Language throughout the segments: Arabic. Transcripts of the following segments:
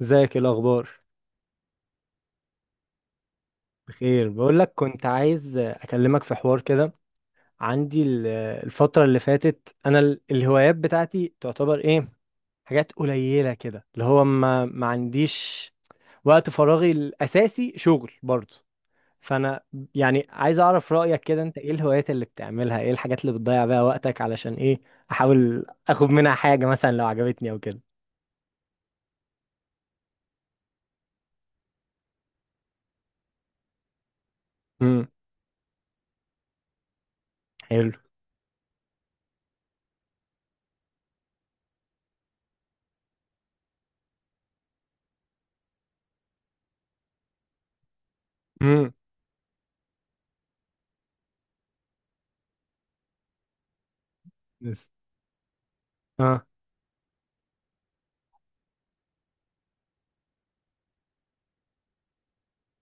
ازيك؟ ايه الاخبار؟ بخير، بقول لك كنت عايز اكلمك في حوار كده. عندي الفتره اللي فاتت انا الهوايات بتاعتي تعتبر ايه؟ حاجات قليله كده اللي هو ما عنديش وقت، فراغي الاساسي شغل برضه. فانا يعني عايز اعرف رايك كده، انت ايه الهوايات اللي بتعملها؟ ايه الحاجات اللي بتضيع بيها وقتك؟ علشان ايه احاول اخد منها حاجه مثلا لو عجبتني او كده. امم. حلو. امم. بس اه،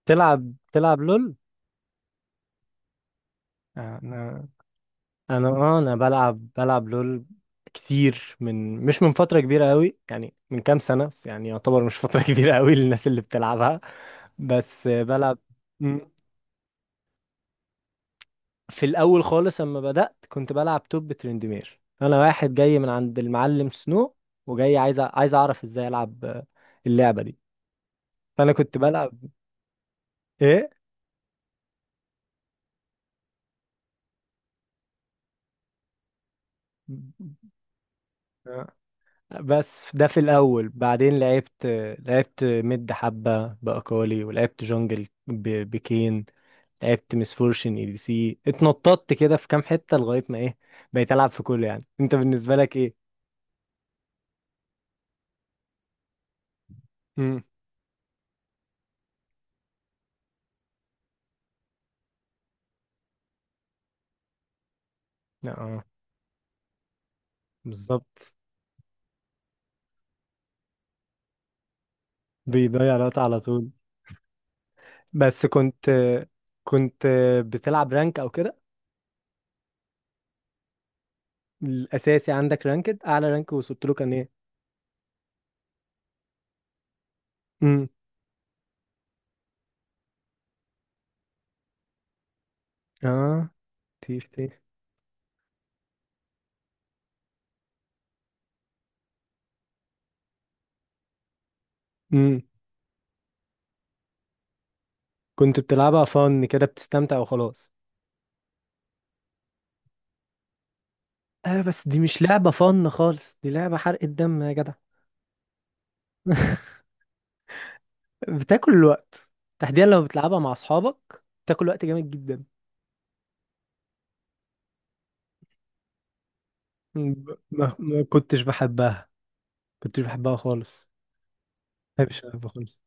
تلعب لول؟ آه، انا اه انا بلعب لول كتير، من مش من فترة كبيرة قوي يعني، من كام سنة بس، يعني يعتبر مش فترة كبيرة قوي للناس اللي بتلعبها، بس بلعب. مم. في الاول خالص اما بدأت كنت بلعب توب ترندمير، انا واحد جاي من عند المعلم سنو وجاي عايز عايز اعرف ازاي العب اللعبة دي، فانا كنت بلعب. ايه. آه. بس ده في الاول، بعدين لعبت مid حبة باكالي، ولعبت جونجل بكين، لعبت مسفورشن اي دي سي، اتنططت كده في كام حتة لغاية ما ايه، بقيت العب في كله يعني. انت بالنسبة لك ايه؟ امم. اه. بالظبط، بيضيع الوقت على طول. بس كنت، كنت بتلعب رانك او كده؟ الاساسي عندك رانكد؟ اعلى رانك وصلت له كان ايه؟ امم. اه. تيف تيف. امم. كنت بتلعبها فن كده، بتستمتع وخلاص. اه بس دي مش لعبة فن خالص، دي لعبة حرق الدم يا جدع. بتاكل الوقت، تحديدا لما بتلعبها مع اصحابك بتاكل وقت جامد جدا. ما كنتش بحبها، كنتش بحبها خالص، ما بحبش العبها خالص.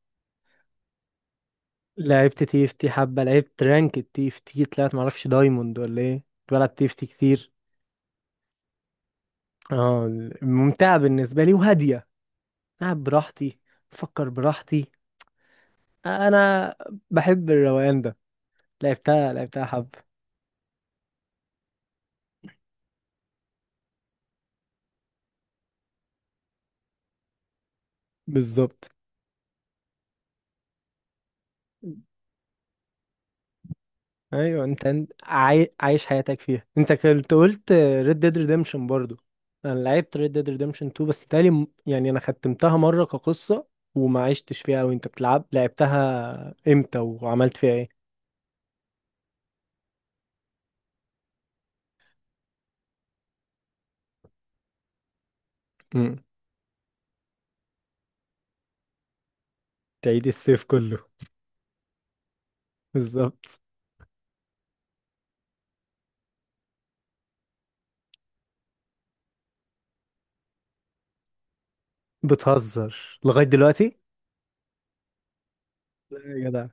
لعبت تي اف تي حبه، لعبت رانك تي اف تي، طلعت معرفش دايموند ولا ايه، كنت بلعب تي اف تي كتير. اه. ممتعه بالنسبه لي وهاديه، العب براحتي، افكر براحتي، انا بحب الروقان ده. لعبتها حبه. بالظبط. ايوه، انت عايش حياتك فيها. انت كنت قلت ريد ديد ريديمشن برضو، انا لعبت ريد ديد ريديمشن 2 بس، تالي يعني انا ختمتها مره كقصه وما عشتش فيها. وانت بتلعب لعبتها امتى وعملت فيها ايه؟ امم. تعيد السيف كله. بالظبط. بتهزر لغايه دلوقتي؟ لا يا جدع.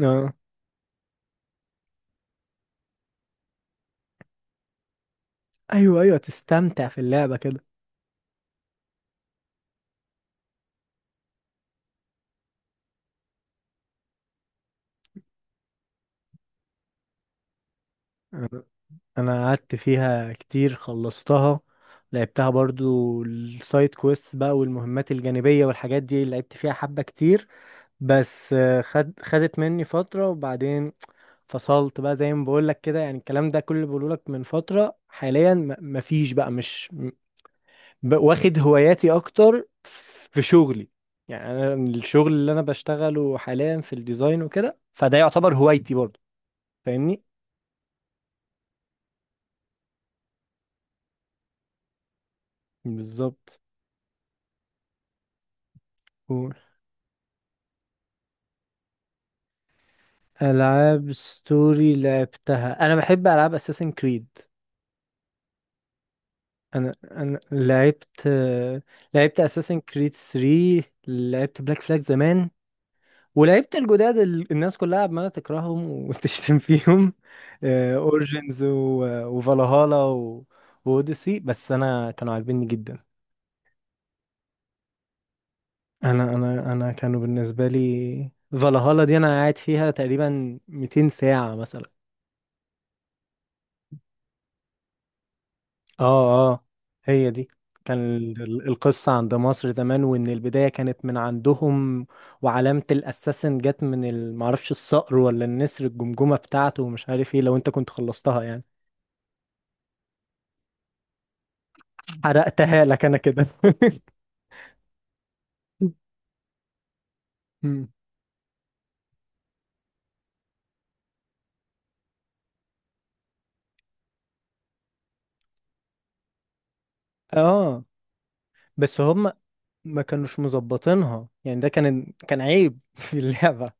اه. ايوه ايوه، تستمتع في اللعبه كده. انا قعدت فيها كتير، خلصتها، لعبتها برضو السايد كويست بقى والمهمات الجانبية والحاجات دي، لعبت فيها حبة كتير، بس آه، خدت مني فترة وبعدين فصلت بقى. زي ما بقولك كده يعني، الكلام ده كله بقولك من فترة، حاليا مفيش بقى، مش م- ب- واخد هواياتي اكتر في شغلي. يعني انا الشغل اللي انا بشتغله حاليا في الديزاين وكده، فده يعتبر هوايتي برضو، فاهمني. بالظبط. ألعاب ستوري لعبتها، أنا بحب ألعاب أساسن كريد. أنا لعبت، لعبت أساسن كريد 3، لعبت بلاك فلاج زمان، ولعبت الجداد اللي الناس كلها عمالة تكرههم وتشتم فيهم، أورجنز وفالهالا وأوديسي، بس أنا كانوا عاجبيني جدا. أنا كانوا بالنسبة لي، فالهالا دي أنا قاعد فيها تقريبا 200 ساعة مثلا. اه اه، هي دي. كان القصة عند مصر زمان، وإن البداية كانت من عندهم، وعلامة الأساسن جت من معرفش الصقر ولا النسر، الجمجمة بتاعته ومش عارف ايه، لو انت كنت خلصتها يعني. حرقتها لك أنا كده. مم. اه بس هم ما كانوش مظبطينها يعني، ده كان عيب في اللعبة،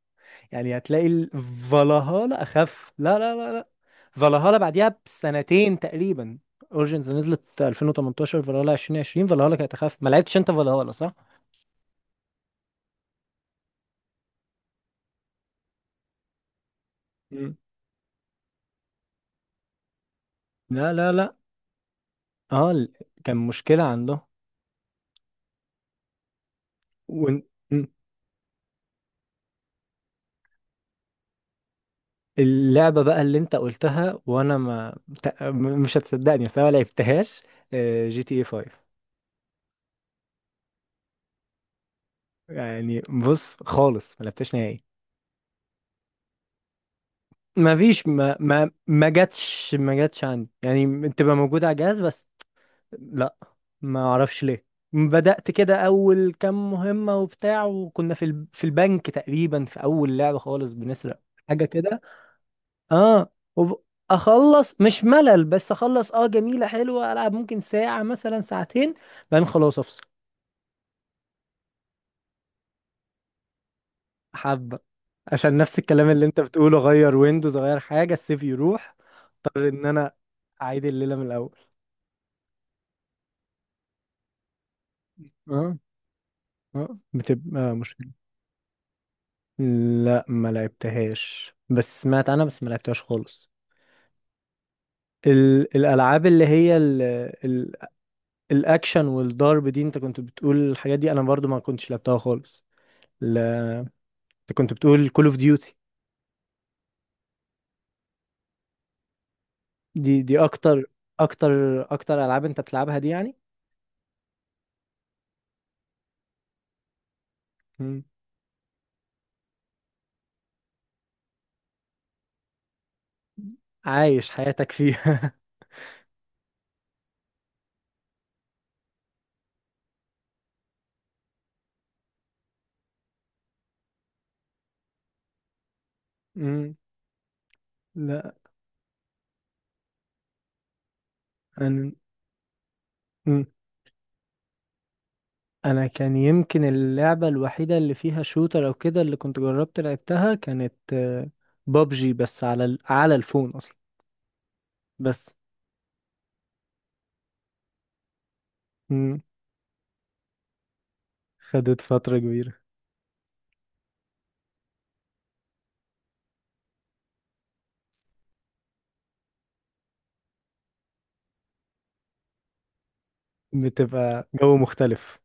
يعني هتلاقي فالهالا اخف. لا لا لا لا، فالهالا بعديها بسنتين تقريبا، اورجنز نزلت 2018، فالهالا 2020. فالهالا كانت اخف، ما لعبتش انت فالهالا صح؟ مم. لا لا لا. اه كان مشكلة عنده. وإن- م. اللعبة بقى اللي انت قلتها وانا ما، مش هتصدقني بس انا ما لعبتهاش، آه، جي تي اي 5. يعني بص خالص، ما لعبتهاش نهائي، ما جاتش، ما جاتش عندي، يعني تبقى موجودة على الجهاز بس. لا، ما اعرفش ليه. بدأت كده اول كام مهمة وبتاع، وكنا في في البنك تقريبا في اول لعبة خالص بنسرق حاجة كده. اه وب... اخلص، مش ملل بس اخلص، اه جميلة حلوة، العب ممكن ساعة مثلا ساعتين، بعدين خلاص افصل. حبة، عشان نفس الكلام اللي انت بتقوله، غير ويندوز، غير حاجة، السيف يروح، اضطر ان انا اعيد الليلة من الاول. اه. اه بتبقى مشكلة. لا ما لعبتهاش، بس سمعت عنها، بس ما لعبتهاش خالص. الالعاب اللي هي ال... الاكشن والضرب دي، انت كنت بتقول الحاجات دي، انا برضو ما كنتش لعبتها خالص. ال... انت كنت بتقول كول اوف ديوتي، دي دي اكتر، اكتر اكتر العاب انت بتلعبها دي يعني. مم. عايش حياتك فيها. مم. لا انا، مم. انا كان يمكن اللعبة الوحيدة اللي فيها شوتر او كده، اللي كنت جربت لعبتها، كانت بابجي بس على على الفون اصلا بس. مم. خدت فترة كبيرة. بتبقى جو مختلف.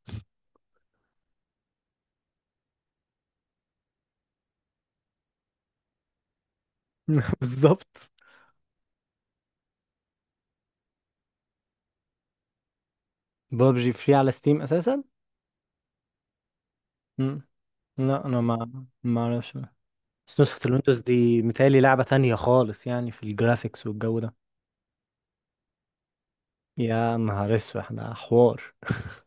بالظبط. بابجي فري على ستيم اساسا. مم. لا انا ما اعرفش. بس نسخة الويندوز دي متهيألي لعبة تانية خالص، يعني في الجرافيكس والجو ده. يا نهار اسود ده حوار.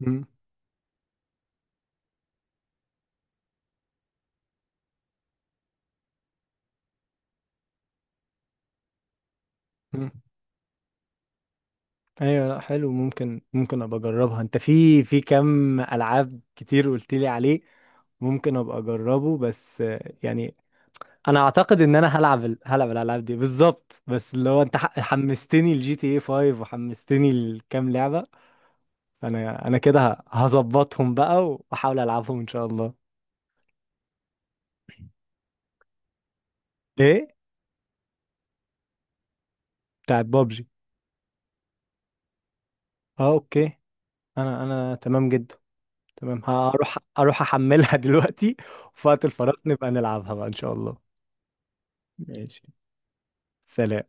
مم. مم. ايوه لا حلو، ممكن ابقى اجربها، انت في كم العاب كتير قلت لي عليه، ممكن ابقى اجربه، بس آه، يعني انا اعتقد ان انا هلعب الالعاب دي بالظبط، بس اللي هو انت حمستني الجي تي اي 5، وحمستني لكام لعبه. انا كده هظبطهم بقى واحاول العبهم ان شاء الله. ايه؟ بتاعت بابجي. اه اوكي. انا تمام جدا، تمام، هروح اروح احملها دلوقتي، وفي وقت الفراغ نبقى نلعبها بقى ان شاء الله. ماشي، سلام.